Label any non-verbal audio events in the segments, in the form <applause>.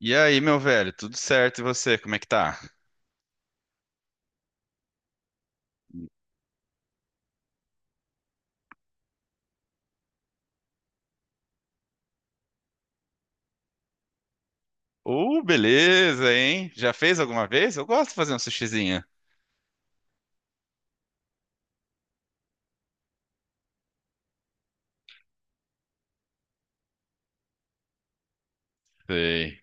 E aí, meu velho, tudo certo? E você, como é que tá? Beleza, hein? Já fez alguma vez? Eu gosto de fazer um sushizinho. Sei.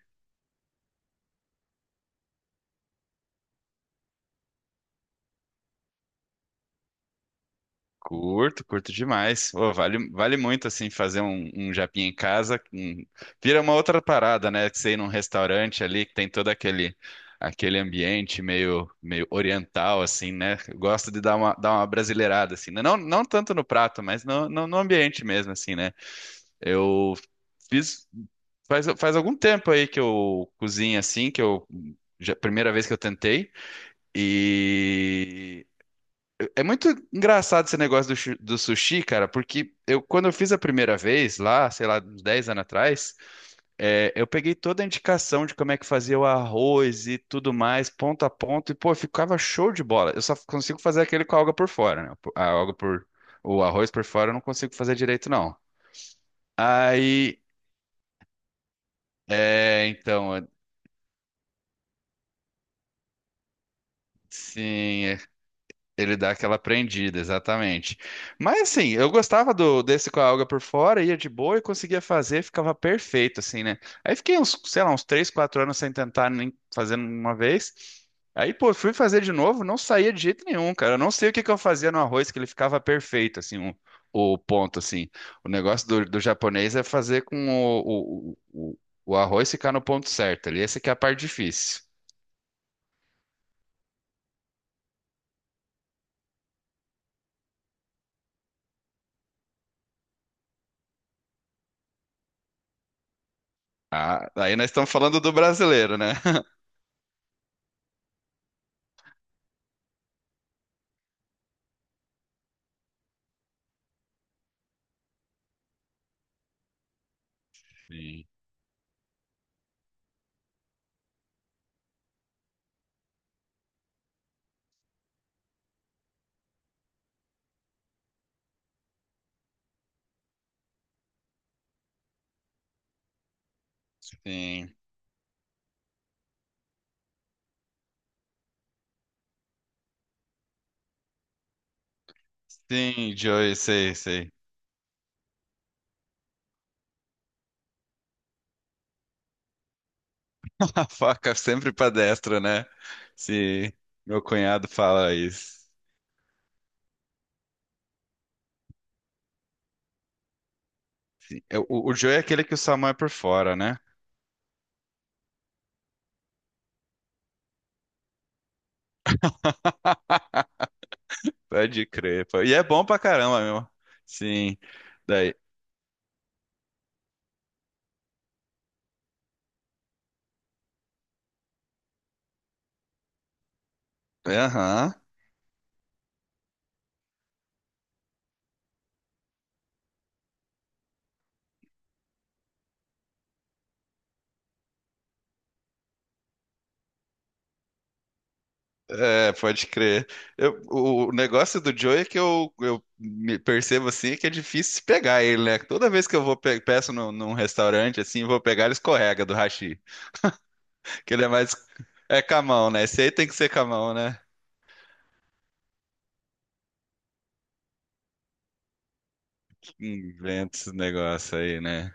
Curto, curto demais. Ô, vale, vale muito, assim, fazer um japinha em casa. Vira uma outra parada, né? Que você ir num restaurante ali, que tem todo aquele ambiente meio oriental, assim, né? Eu gosto de dar uma brasileirada, assim, né? Não, não tanto no prato, mas no ambiente mesmo, assim, né? Eu fiz faz algum tempo aí que eu cozinho assim, primeira vez que eu tentei. E é muito engraçado esse negócio do sushi, cara, porque eu quando eu fiz a primeira vez lá, sei lá, uns 10 anos atrás, eu peguei toda a indicação de como é que fazia o arroz e tudo mais, ponto a ponto, e pô, ficava show de bola. Eu só consigo fazer aquele com a alga por fora, né? A alga por o arroz por fora eu não consigo fazer direito, não. Aí, é, então, sim, ele dá aquela prendida, exatamente. Mas assim, eu gostava do desse com a alga por fora, ia de boa e conseguia fazer, ficava perfeito, assim, né? Aí fiquei uns, sei lá, uns 3, 4 anos sem tentar nem fazendo uma vez. Aí, pô, fui fazer de novo, não saía de jeito nenhum, cara. Eu não sei o que que eu fazia no arroz que ele ficava perfeito, assim, o ponto, assim. O negócio do japonês é fazer com o, o, o o arroz ficar no ponto certo ali. Essa que é a parte difícil. Ah, aí nós estamos falando do brasileiro, né? <laughs> Sim. Sim, sim, Joey, sei, sei. <laughs> A faca é sempre pra destra, né? Se Meu cunhado fala isso. O Joey é aquele que o Samu é por fora, né? Pode crer, pô. E é bom pra caramba, meu. Sim. Daí. Aham. É, pode crer. O negócio do Joey é que eu me percebo assim que é difícil pegar ele, né? Toda vez que peço num restaurante assim, vou pegar ele escorrega do hashi. Que ele é mais. É camão, né? Esse aí tem que ser camão, né? Inventa esse negócio aí, né?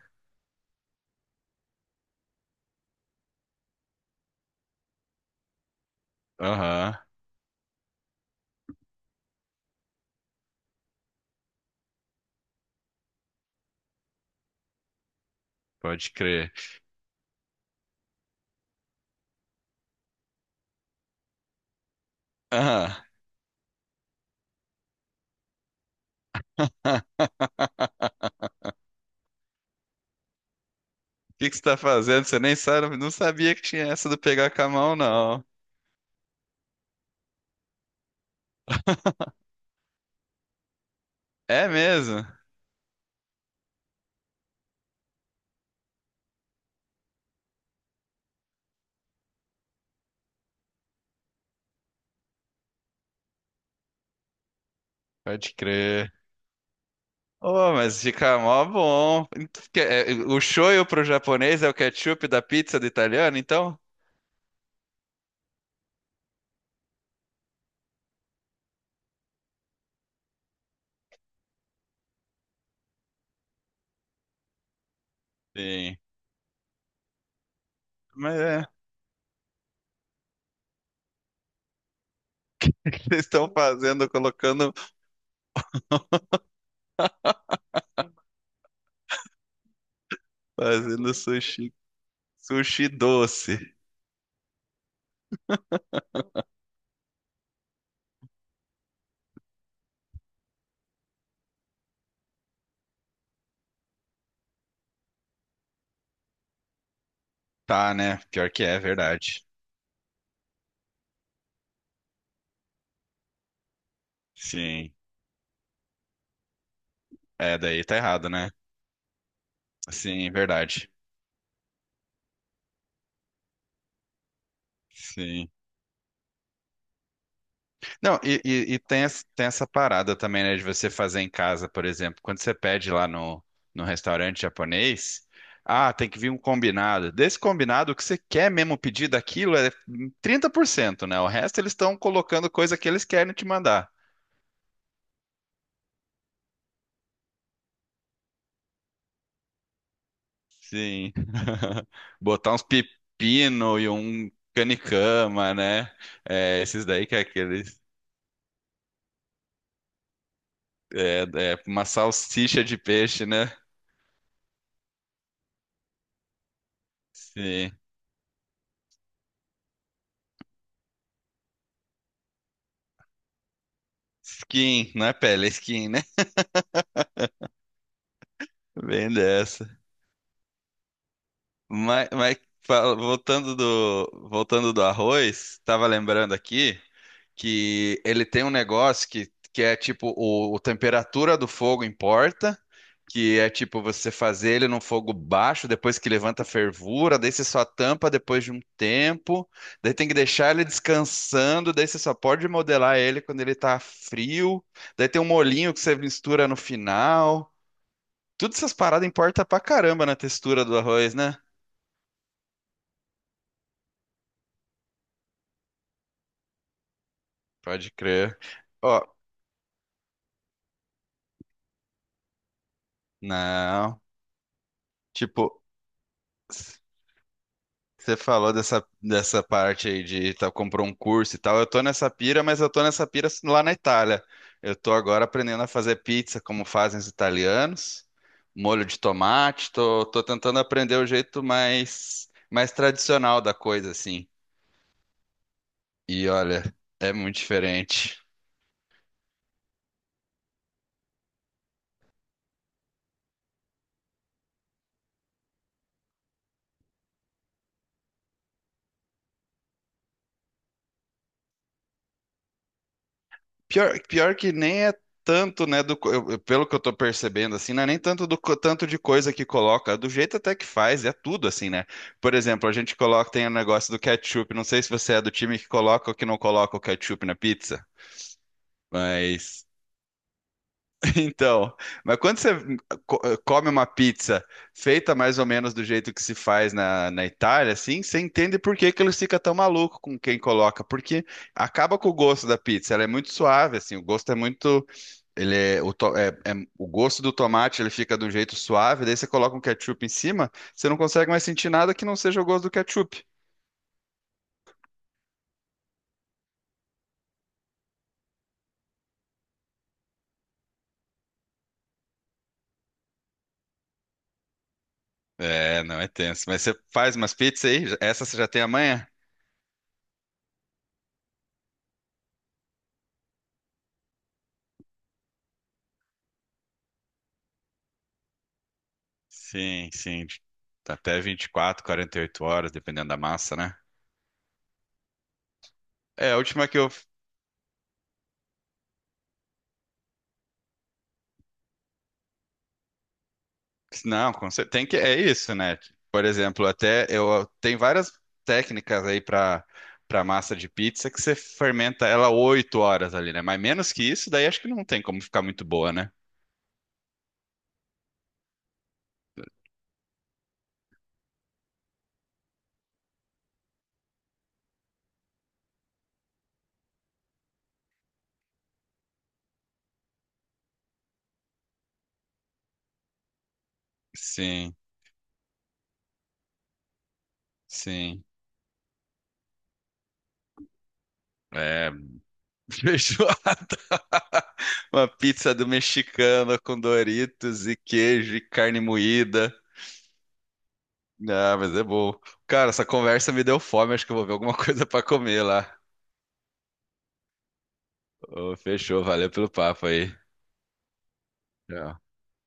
Aham, pode crer. Aham. <laughs> O que que você tá fazendo? Você nem sabe, não sabia que tinha essa do pegar camão, não. <laughs> É mesmo? Pode crer. Oh, mas fica mó bom. Então, o shoyu pro japonês é o ketchup da pizza do italiano, então? Sim. Mas é, <laughs> vocês estão fazendo, colocando, <laughs> fazendo sushi, sushi doce. Tá, né? Pior que é, verdade. Sim. É, daí tá errado, né? Sim, verdade. Sim. Não, e tem essa parada também, né, de você fazer em casa, por exemplo. Quando você pede lá no restaurante japonês, ah, tem que vir um combinado. Desse combinado, o que você quer mesmo pedir daquilo é 30%, né? O resto eles estão colocando coisa que eles querem te mandar. Sim. <laughs> Botar uns pepino e um canicama, né? É, esses daí que é aquele. É, é uma salsicha de peixe, né? Sim. Skin, não é pele, é skin, né? Bem dessa. Mas voltando do arroz, tava lembrando aqui que ele tem um negócio que é tipo o temperatura do fogo importa. Que é tipo você fazer ele num fogo baixo, depois que levanta a fervura, daí você só tampa depois de um tempo, daí tem que deixar ele descansando, daí você só pode modelar ele quando ele tá frio, daí tem um molhinho que você mistura no final. Todas essas paradas importam pra caramba na textura do arroz, né? Pode crer. Ó, não. Tipo. Você falou dessa parte aí de tá, comprou um curso e tal. Eu tô nessa pira, mas eu tô nessa pira lá na Itália. Eu tô agora aprendendo a fazer pizza como fazem os italianos, molho de tomate. Tô tentando aprender o jeito mais, mais tradicional da coisa, assim. E olha, é muito diferente. Pior, pior que nem é tanto, né, do, pelo que eu tô percebendo, assim, não é nem tanto do tanto de coisa que coloca, do jeito até que faz, é tudo assim, né? Por exemplo, a gente coloca, tem o negócio do ketchup, não sei se você é do time que coloca ou que não coloca o ketchup na pizza, mas, <laughs> então, mas quando você co- come uma pizza feita mais ou menos do jeito que se faz na Itália, assim, você entende por que que eles ficam tão malucos com quem coloca, porque acaba com o gosto da pizza, ela é muito suave, assim, o gosto é muito, ele é, o, to- é- é- o gosto do tomate ele fica de um jeito suave, daí você coloca um ketchup em cima, você não consegue mais sentir nada que não seja o gosto do ketchup. É, não é tenso. Mas você faz umas pizzas aí? Essa você já tem amanhã? Sim, sim. Tá. Até 24, 48 horas, dependendo da massa, né? É, a última que eu, não, tem que é isso, né? Por exemplo, até eu tem várias técnicas aí para massa de pizza que você fermenta ela 8 horas ali, né? Mas menos que isso, daí acho que não tem como ficar muito boa, né? Sim, sim. É, <laughs> feijoada. <laughs> Uma pizza do mexicano com Doritos e queijo e carne moída. Ah, mas é bom. Cara, essa conversa me deu fome. Acho que eu vou ver alguma <laughs> coisa pra comer lá. Ô, fechou, valeu pelo papo aí. Tchau.